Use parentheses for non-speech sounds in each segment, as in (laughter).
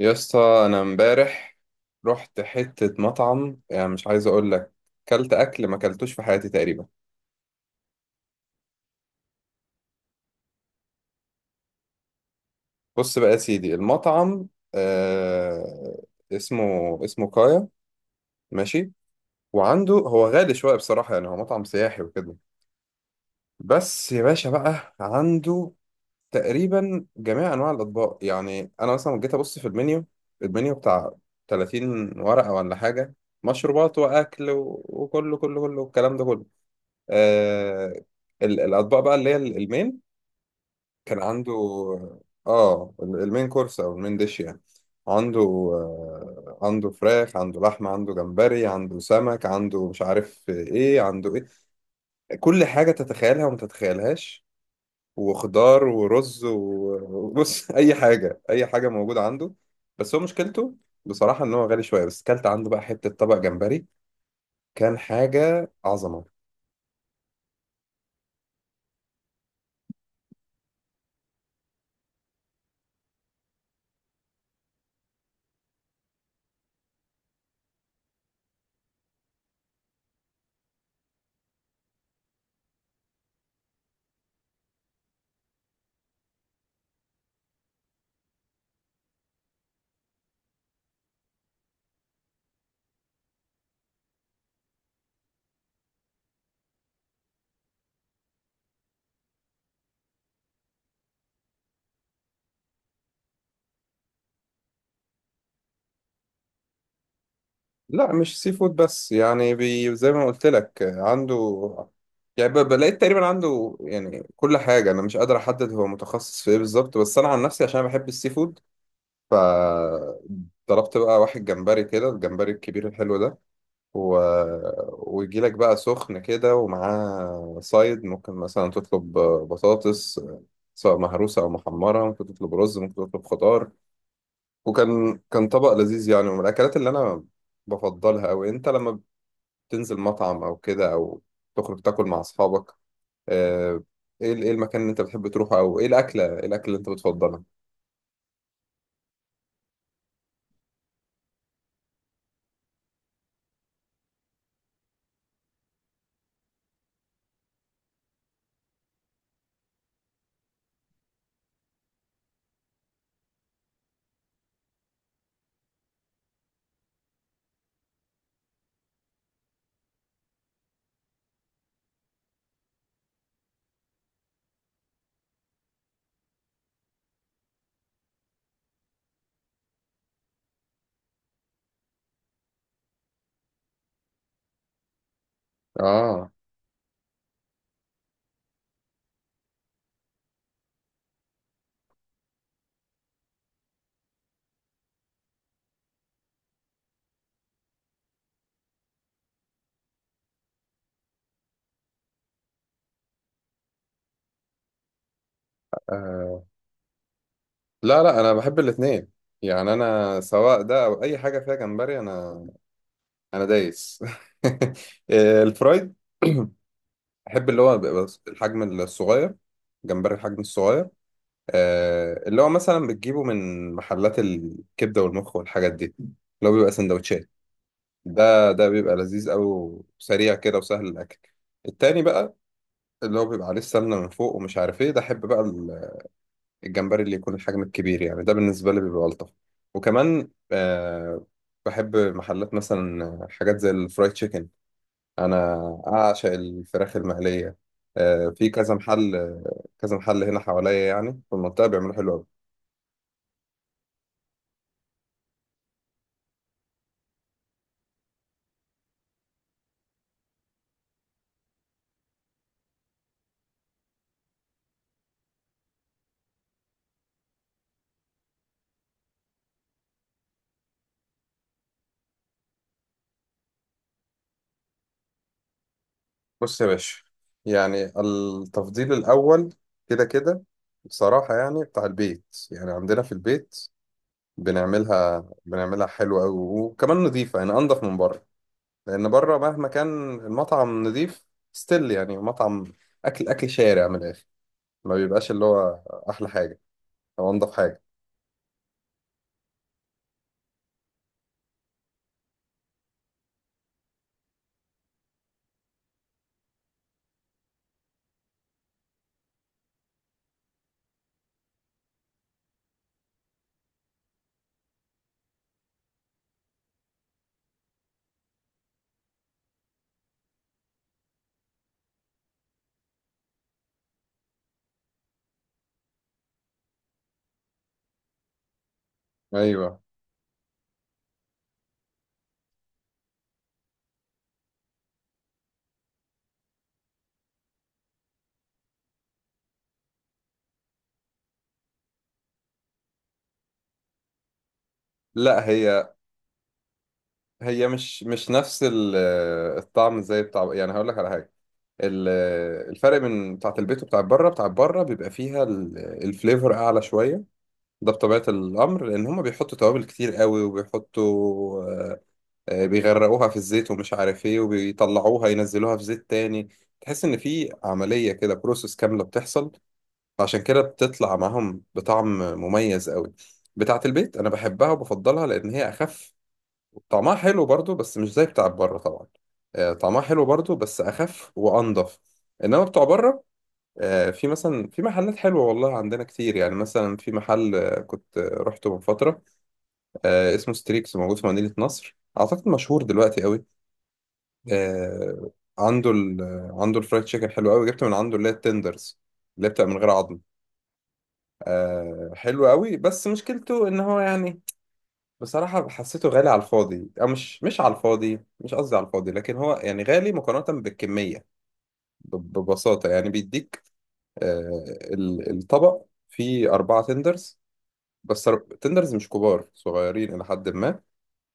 يا اسطى، انا امبارح رحت حتة مطعم، يعني مش عايز اقول لك، كلت اكل ما كلتوش في حياتي تقريبا. بص بقى يا سيدي، المطعم آه اسمه كايا، ماشي. وعنده، هو غالي شوية بصراحة، يعني هو مطعم سياحي وكده. بس يا باشا بقى عنده تقريبا جميع انواع الاطباق. يعني انا مثلا جيت ابص في المنيو، بتاع 30 ورقة ولا حاجة، مشروبات واكل وكله كله كله الكلام ده كله. آه الاطباق بقى اللي هي المين، كان عنده. المين كورس او المين ديش يعني. عنده عنده فراخ، عنده لحمه، عنده جمبري، عنده سمك، عنده مش عارف ايه عنده ايه. كل حاجه تتخيلها وما تتخيلهاش، وخضار ورز وبص، (laughs) اي حاجه، اي حاجه موجوده عنده. بس هو مشكلته بصراحه ان هو غالي شويه. بس كلت عنده بقى حته طبق جمبري، كان حاجه عظمه. لا مش سي فود بس، يعني بي زي ما قلت لك عنده، يعني بلاقيت تقريبا عنده يعني كل حاجة. أنا مش قادر أحدد هو متخصص في إيه بالظبط، بس أنا عن نفسي عشان بحب السي فود، فضربت بقى واحد جمبري كده، الجمبري الكبير الحلو ده و... ويجي لك بقى سخن كده، ومعاه سايد، ممكن مثلا تطلب بطاطس، سواء مهروسة أو محمرة، ممكن تطلب رز، ممكن تطلب خضار. وكان كان طبق لذيذ يعني، ومن الأكلات اللي أنا بفضلها أوي. أنت لما تنزل مطعم او كده، او تخرج تاكل مع اصحابك، آه، ايه ايه المكان اللي انت بتحب تروحه، او ايه الاكله، اللي انت بتفضلها؟ آه. اه لا، لا، انا بحب الاثنين، يعني انا سواء ده او اي حاجه فيها جمبري، انا دايس. (laughs) الفرايد، احب اللي هو بيبقى الحجم الصغير، جمبري الحجم الصغير. اللي هو مثلا بتجيبه من محلات الكبده والمخ والحاجات دي، اللي هو بيبقى سندوتشات. ده بيبقى لذيذ قوي، وسريع كده، وسهل الاكل. التاني بقى، اللي هو بيبقى عليه السمنه من فوق ومش عارف ايه، ده احب بقى الجمبري اللي يكون الحجم الكبير. يعني ده بالنسبه لي بيبقى الطف. وكمان بحب محلات مثلا، حاجات زي الفرايد تشيكن. انا اعشق الفراخ المقليه. في كذا محل، كذا محل هنا حواليا، يعني في المنطقه بيعملوا حلو قوي. بص يا باشا، يعني التفضيل الأول كده كده بصراحة يعني بتاع البيت. يعني عندنا في البيت، بنعملها حلوة أوي، وكمان نضيفة، يعني أنضف من بره. لأن بره مهما كان المطعم نضيف ستيل، يعني مطعم، أكل شارع من الآخر، ما بيبقاش اللي هو أحلى حاجة أو أنضف حاجة. أيوه. لا، هي مش نفس الطعم زي بتاع، يعني هقول لك على حاجة. ال- الفرق من بتاعت البيت وبتاعت بره، بتاعت بره بيبقى فيها الفليفر اعلى شويه. ده بطبيعه الامر، لان هما بيحطوا توابل كتير قوي، وبيحطوا بيغرقوها في الزيت ومش عارف ايه، وبيطلعوها ينزلوها في زيت تاني. تحس ان في عمليه كده، بروسس كامله بتحصل. عشان كده بتطلع معاهم بطعم مميز قوي. بتاعت البيت انا بحبها وبفضلها لان هي اخف. طعمها حلو برضو، بس مش زي بتاع بره طبعا. طعمها حلو برضو بس اخف وانضف. انما بتوع بره، في مثلا في محلات حلوه والله عندنا كتير. يعني مثلا في محل كنت رحته من فتره، اسمه ستريكس، موجود في مدينه نصر، اعتقد مشهور دلوقتي قوي. آه، عنده ال آه، عنده الفرايد تشيكن حلو قوي. جبت من عنده اللي هي التندرز، اللي هي بتبقى من غير عظم. حلو قوي، بس مشكلته ان هو يعني بصراحة حسيته غالي على الفاضي. أو مش على الفاضي، مش قصدي على الفاضي، لكن هو يعني غالي مقارنة بالكمية. ببساطة يعني، بيديك آه، الطبق فيه أربعة تندرز، بس تندرز مش كبار، صغيرين إلى حد ما،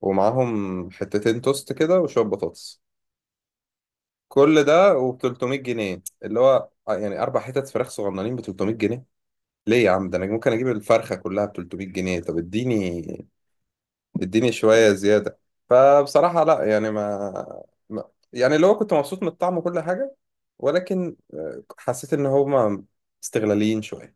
ومعاهم حتتين توست كده، وشوية بطاطس. كل ده وب 300 جنيه، اللي هو يعني أربع حتت فراخ صغننين ب 300 جنيه. ليه يا عم! ده أنا ممكن أجيب الفرخة كلها ب 300 جنيه. طب اديني، اديني شوية زيادة. فبصراحة لا، يعني يعني اللي هو كنت مبسوط من الطعم وكل حاجة. ولكن حسيت إن هما استغلاليين شوية.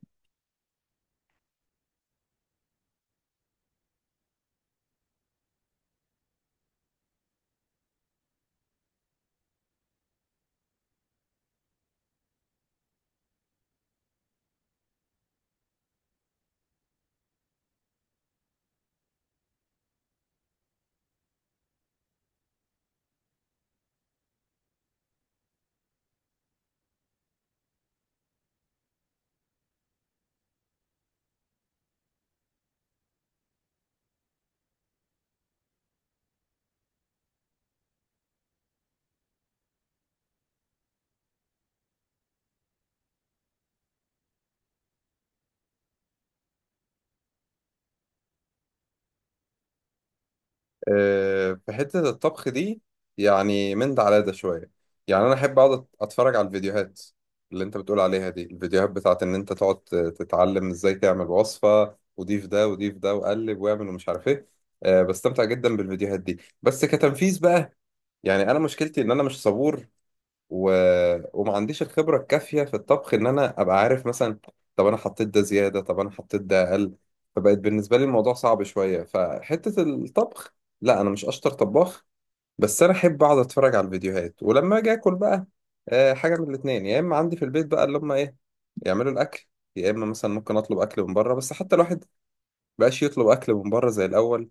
في حتة الطبخ دي، يعني من ده على ده شوية. يعني أنا أحب أقعد أتفرج على الفيديوهات، اللي أنت بتقول عليها دي، الفيديوهات بتاعت إن أنت تقعد تتعلم إزاي تعمل وصفة، وضيف ده وضيف ده وقلب واعمل ومش عارف إيه. بستمتع جدا بالفيديوهات دي، بس كتنفيذ بقى يعني أنا مشكلتي إن أنا مش صبور و... وما عنديش الخبرة الكافية في الطبخ، إن أنا أبقى عارف مثلا، طب أنا حطيت ده زيادة، طب أنا حطيت ده أقل. فبقت بالنسبة لي الموضوع صعب شوية. فحتة الطبخ، لا أنا مش أشطر طباخ، بس أنا أحب أقعد أتفرج على الفيديوهات. ولما أجي آكل بقى، حاجة من الاتنين: يا إما عندي في البيت بقى اللي هم إيه يعملوا الأكل، يا إما مثلا ممكن أطلب أكل من بره. بس حتى الواحد مبقاش يطلب أكل من بره زي الأول.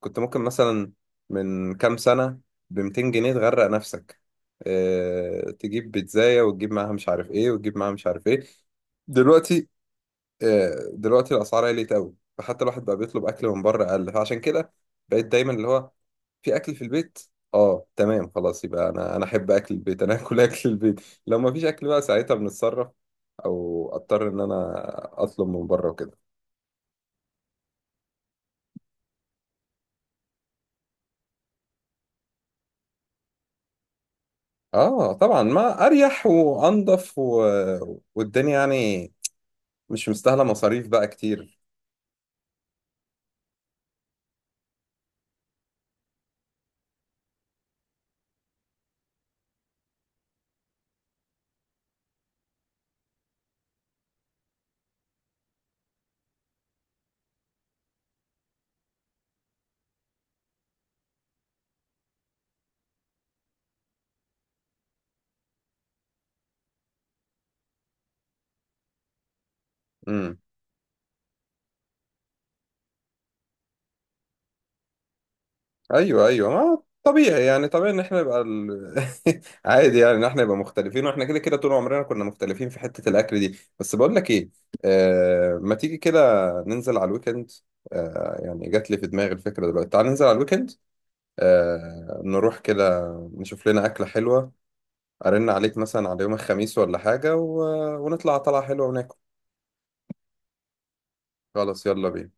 كنت ممكن مثلا من كام سنة ب 200 جنيه تغرق نفسك، اه تجيب بيتزاية وتجيب معاها مش عارف ايه، وتجيب معاها مش عارف ايه. دلوقتي، اه دلوقتي الأسعار عليت أوي، فحتى الواحد بقى بيطلب أكل من بره أقل. فعشان كده بقيت دايما اللي هو في أكل في البيت. اه، تمام، خلاص. يبقى أنا أحب أكل البيت، أنا آكل (laughs) أكل البيت. لو مفيش أكل بقى ساعتها بنتصرف، أو أضطر إن أنا أطلب من بره وكده. اه طبعا، ما اريح وانضف والدنيا يعني مش مستاهله مصاريف بقى كتير. امم. ايوه، ايوه، ما طبيعي يعني، طبيعي ان احنا نبقى (laughs) عادي، يعني ان احنا نبقى مختلفين، واحنا كده كده طول عمرنا كنا مختلفين في حته الاكل دي. بس بقول لك ايه، ما تيجي كده، ننزل على الويكند. يعني جات لي في دماغي الفكره دلوقتي، تعال ننزل على الويكند، نروح كده، نشوف لنا اكله حلوه. ارن عليك مثلا على يوم الخميس ولا حاجه، ونطلع طلعه حلوه وناكل. خلاص، يلا بينا.